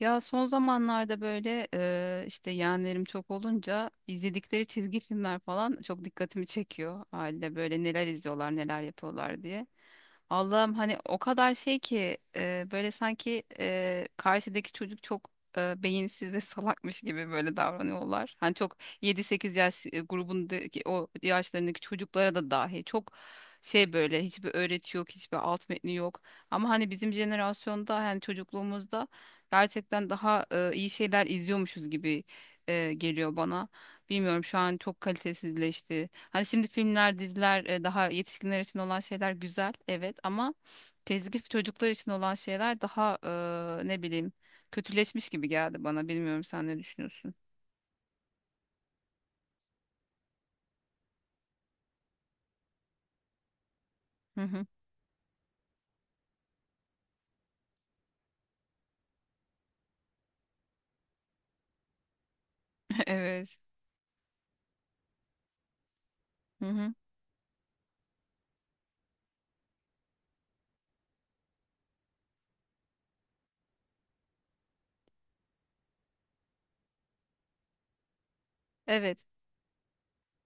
Ya son zamanlarda böyle işte yeğenlerim çok olunca izledikleri çizgi filmler falan çok dikkatimi çekiyor. Aile böyle neler izliyorlar, neler yapıyorlar diye. Allah'ım, hani o kadar şey ki böyle sanki karşıdaki çocuk çok beyinsiz ve salakmış gibi böyle davranıyorlar. Hani çok 7-8 yaş grubundaki o yaşlarındaki çocuklara da dahi çok şey, böyle hiçbir öğreti yok, hiçbir alt metni yok. Ama hani bizim jenerasyonda, yani çocukluğumuzda gerçekten daha iyi şeyler izliyormuşuz gibi geliyor bana. Bilmiyorum, şu an çok kalitesizleşti. Hani şimdi filmler, diziler, daha yetişkinler için olan şeyler güzel, evet, ama tezgif çocuklar için olan şeyler daha, ne bileyim, kötüleşmiş gibi geldi bana. Bilmiyorum, sen ne düşünüyorsun? Hı hı. Evet. Hı hı. Evet.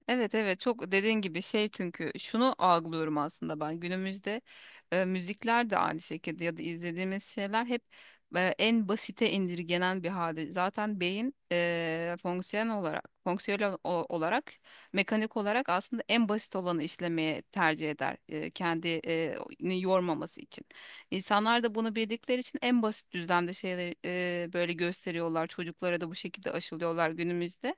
Evet evet, çok dediğin gibi şey, çünkü şunu algılıyorum aslında, ben günümüzde müzikler de aynı şekilde ya da izlediğimiz şeyler hep en basite indirgenen bir halde. Zaten beyin fonksiyon olarak, fonksiyonel olarak, mekanik olarak aslında en basit olanı işlemeye tercih eder, kendini yormaması için. İnsanlar da bunu bildikleri için en basit düzlemde şeyleri böyle gösteriyorlar. Çocuklara da bu şekilde aşılıyorlar günümüzde.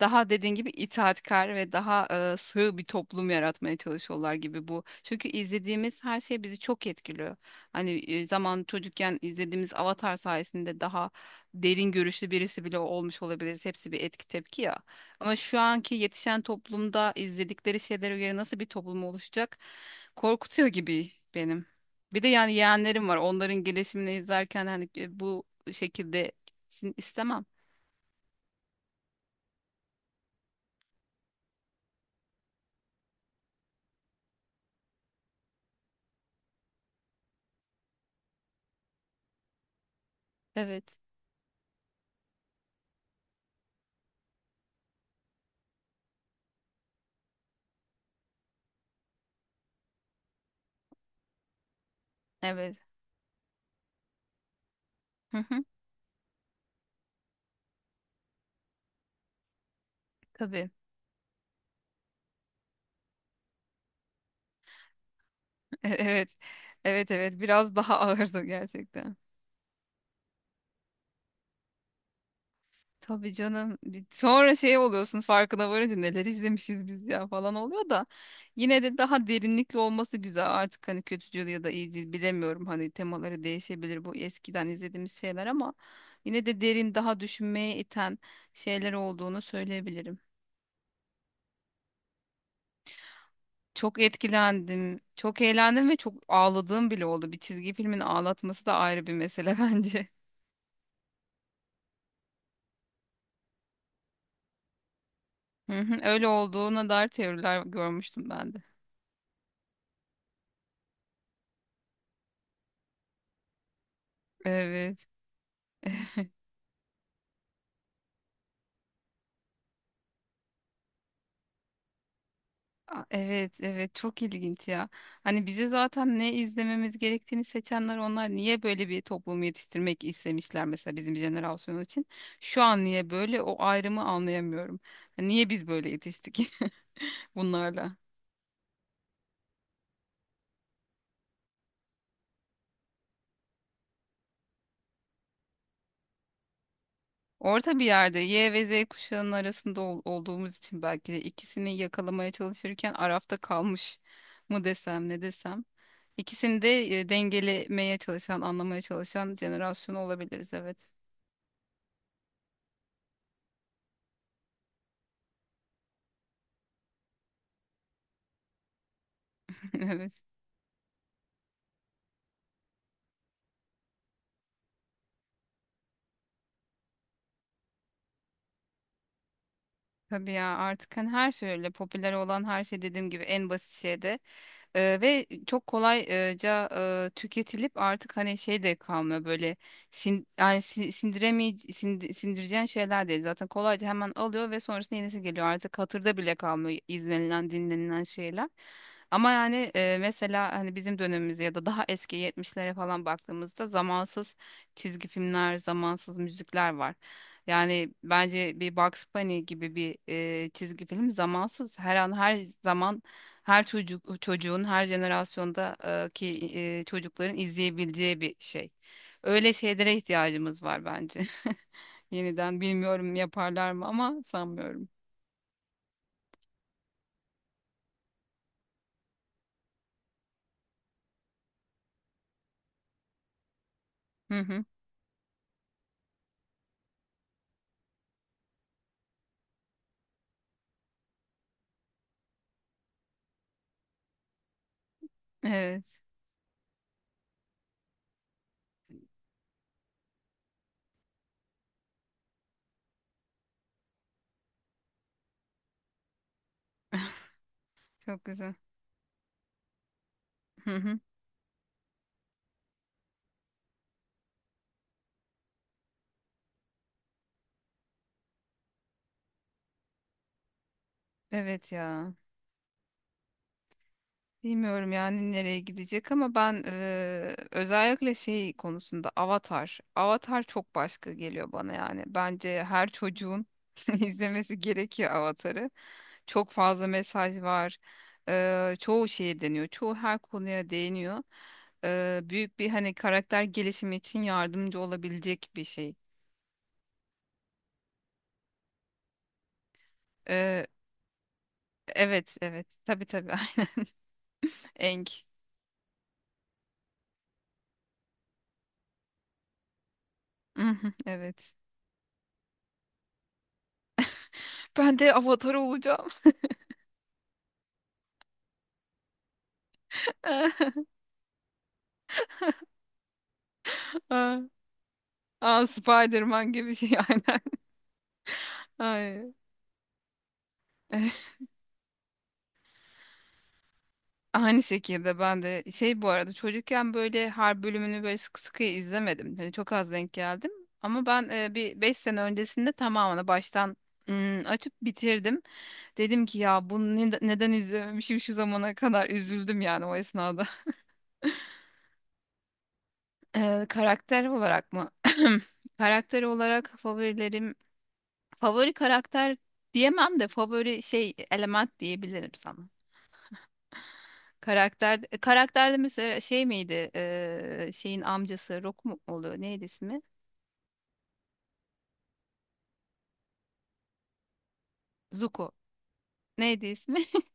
Daha dediğin gibi itaatkar ve daha sığ bir toplum yaratmaya çalışıyorlar gibi bu. Çünkü izlediğimiz her şey bizi çok etkiliyor. Hani zaman çocukken izlediğimiz Avatar sayesinde daha derin görüşlü birisi bile olmuş olabiliriz. Hepsi bir etki tepki ya. Ama şu anki yetişen toplumda izledikleri şeylere göre nasıl bir toplum oluşacak, korkutuyor gibi benim. Bir de yani, yeğenlerim var. Onların gelişimini izlerken hani bu şekilde istemem. Evet. Evet. Hı hı. Tabii. Evet. Evet evet. Biraz daha ağırdı gerçekten. Tabii canım. Sonra şey oluyorsun, farkına varınca neler izlemişiz biz ya falan oluyor, da yine de daha derinlikli olması güzel. Artık hani kötücül ya da iyicil bilemiyorum. Hani temaları değişebilir bu eskiden izlediğimiz şeyler, ama yine de derin, daha düşünmeye iten şeyler olduğunu söyleyebilirim. Çok etkilendim, çok eğlendim ve çok ağladığım bile oldu. Bir çizgi filmin ağlatması da ayrı bir mesele bence. Hı hı. Öyle olduğuna dair teoriler görmüştüm ben de. Evet. A- evet, evet, çok ilginç ya. Hani bize zaten ne izlememiz gerektiğini seçenler, onlar niye böyle bir toplumu yetiştirmek istemişler mesela bizim jenerasyon için. Şu an niye böyle, o ayrımı anlayamıyorum. Niye biz böyle yetiştik bunlarla? Orta bir yerde Y ve Z kuşağının arasında olduğumuz için belki de, ikisini yakalamaya çalışırken arafta kalmış mı desem, ne desem. İkisini de dengelemeye çalışan, anlamaya çalışan jenerasyon olabiliriz, evet. Evet. Tabii ya, artık hani her şey öyle, popüler olan her şey dediğim gibi en basit şeyde. Ve çok kolayca tüketilip artık hani şey de kalmıyor böyle, yani sindireceğin şeyler değil. Zaten kolayca hemen alıyor ve sonrasında yenisi geliyor. Artık hatırda bile kalmıyor izlenilen, dinlenilen şeyler. Ama yani mesela hani bizim dönemimize ya da daha eski 70'lere falan baktığımızda zamansız çizgi filmler, zamansız müzikler var. Yani bence bir Bugs Bunny gibi bir çizgi film zamansız. Her an, her zaman, her çocuğun her jenerasyonda ki çocukların izleyebileceği bir şey. Öyle şeylere ihtiyacımız var bence. Yeniden bilmiyorum yaparlar mı, ama sanmıyorum. Hı hı. Evet. Çok güzel. Hı hı. Evet ya. Bilmiyorum yani nereye gidecek, ama ben özellikle şey konusunda, Avatar. Avatar çok başka geliyor bana yani. Bence her çocuğun izlemesi gerekiyor Avatar'ı. Çok fazla mesaj var. Çoğu şeye deniyor. Çoğu her konuya değiniyor. Büyük bir hani karakter gelişimi için yardımcı olabilecek bir şey. Eee, evet evet, tabii tabii, aynen. Aang. Evet. Ben de Avatar olacağım. Aa, Spider-Man gibi şey, aynen. Ay. Aynı şekilde ben de şey, bu arada çocukken böyle her bölümünü böyle sıkı sıkı izlemedim. Hani çok az denk geldim. Ama ben bir 5 sene öncesinde tamamını baştan, açıp bitirdim. Dedim ki ya bunu neden izlememişim şu zamana kadar, üzüldüm yani o esnada. Karakter olarak mı? Karakter olarak favorilerim, favori karakter diyemem de, favori şey element diyebilirim sana. Karakterde mesela şey miydi? Şeyin amcası Roku mu oluyor? Neydi ismi? Zuko. Neydi ismi?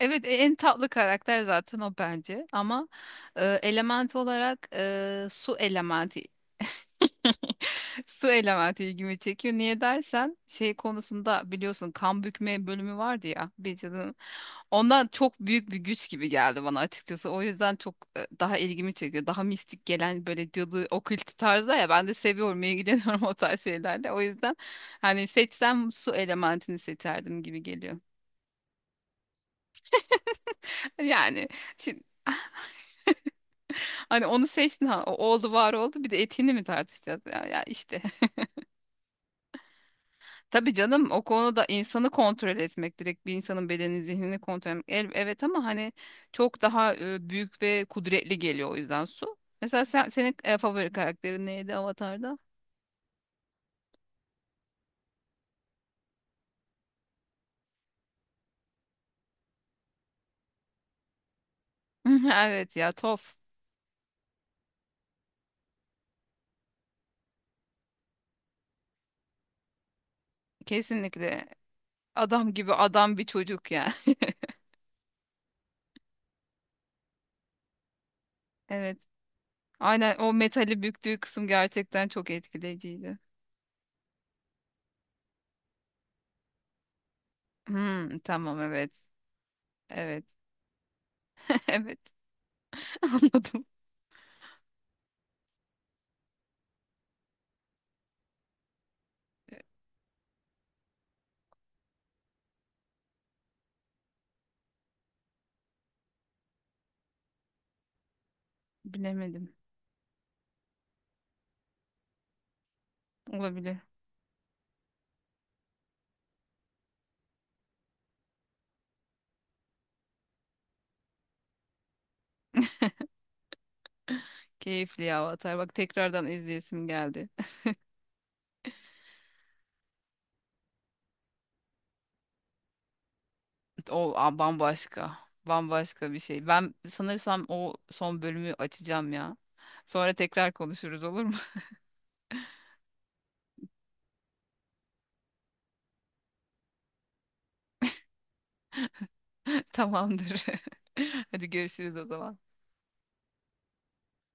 Evet, en tatlı karakter zaten o bence ama, element olarak su elementi. Su elementi ilgimi çekiyor. Niye dersen, şey konusunda biliyorsun, kan bükme bölümü vardı ya bir cadının. Ondan çok büyük bir güç gibi geldi bana açıkçası. O yüzden çok daha ilgimi çekiyor. Daha mistik gelen, böyle cadı, okült tarzda ya, ben de seviyorum, ilgileniyorum o tarz şeylerle. O yüzden hani seçsem su elementini seçerdim gibi geliyor. Yani şimdi hani onu seçtin, ha, o oldu, var oldu, bir de etiğini mi tartışacağız ya, ya işte. Tabii canım, o konuda insanı kontrol etmek, direkt bir insanın bedenini, zihnini kontrol etmek, evet, ama hani çok daha büyük ve kudretli geliyor, o yüzden su. Mesela sen, senin favori karakterin neydi Avatar'da? Evet ya, Toph kesinlikle adam gibi adam bir çocuk ya. Evet, aynen, o metali büktüğü kısım gerçekten çok etkileyiciydi. Hmm, tamam, evet evet, evet, anladım, bilemedim, olabilir. Keyifli ya Avatar, bak tekrardan izleyesim geldi. O bambaşka. Bambaşka bir şey. Ben sanırsam o son bölümü açacağım ya. Sonra tekrar konuşuruz, olur mu? Tamamdır. Hadi görüşürüz o zaman.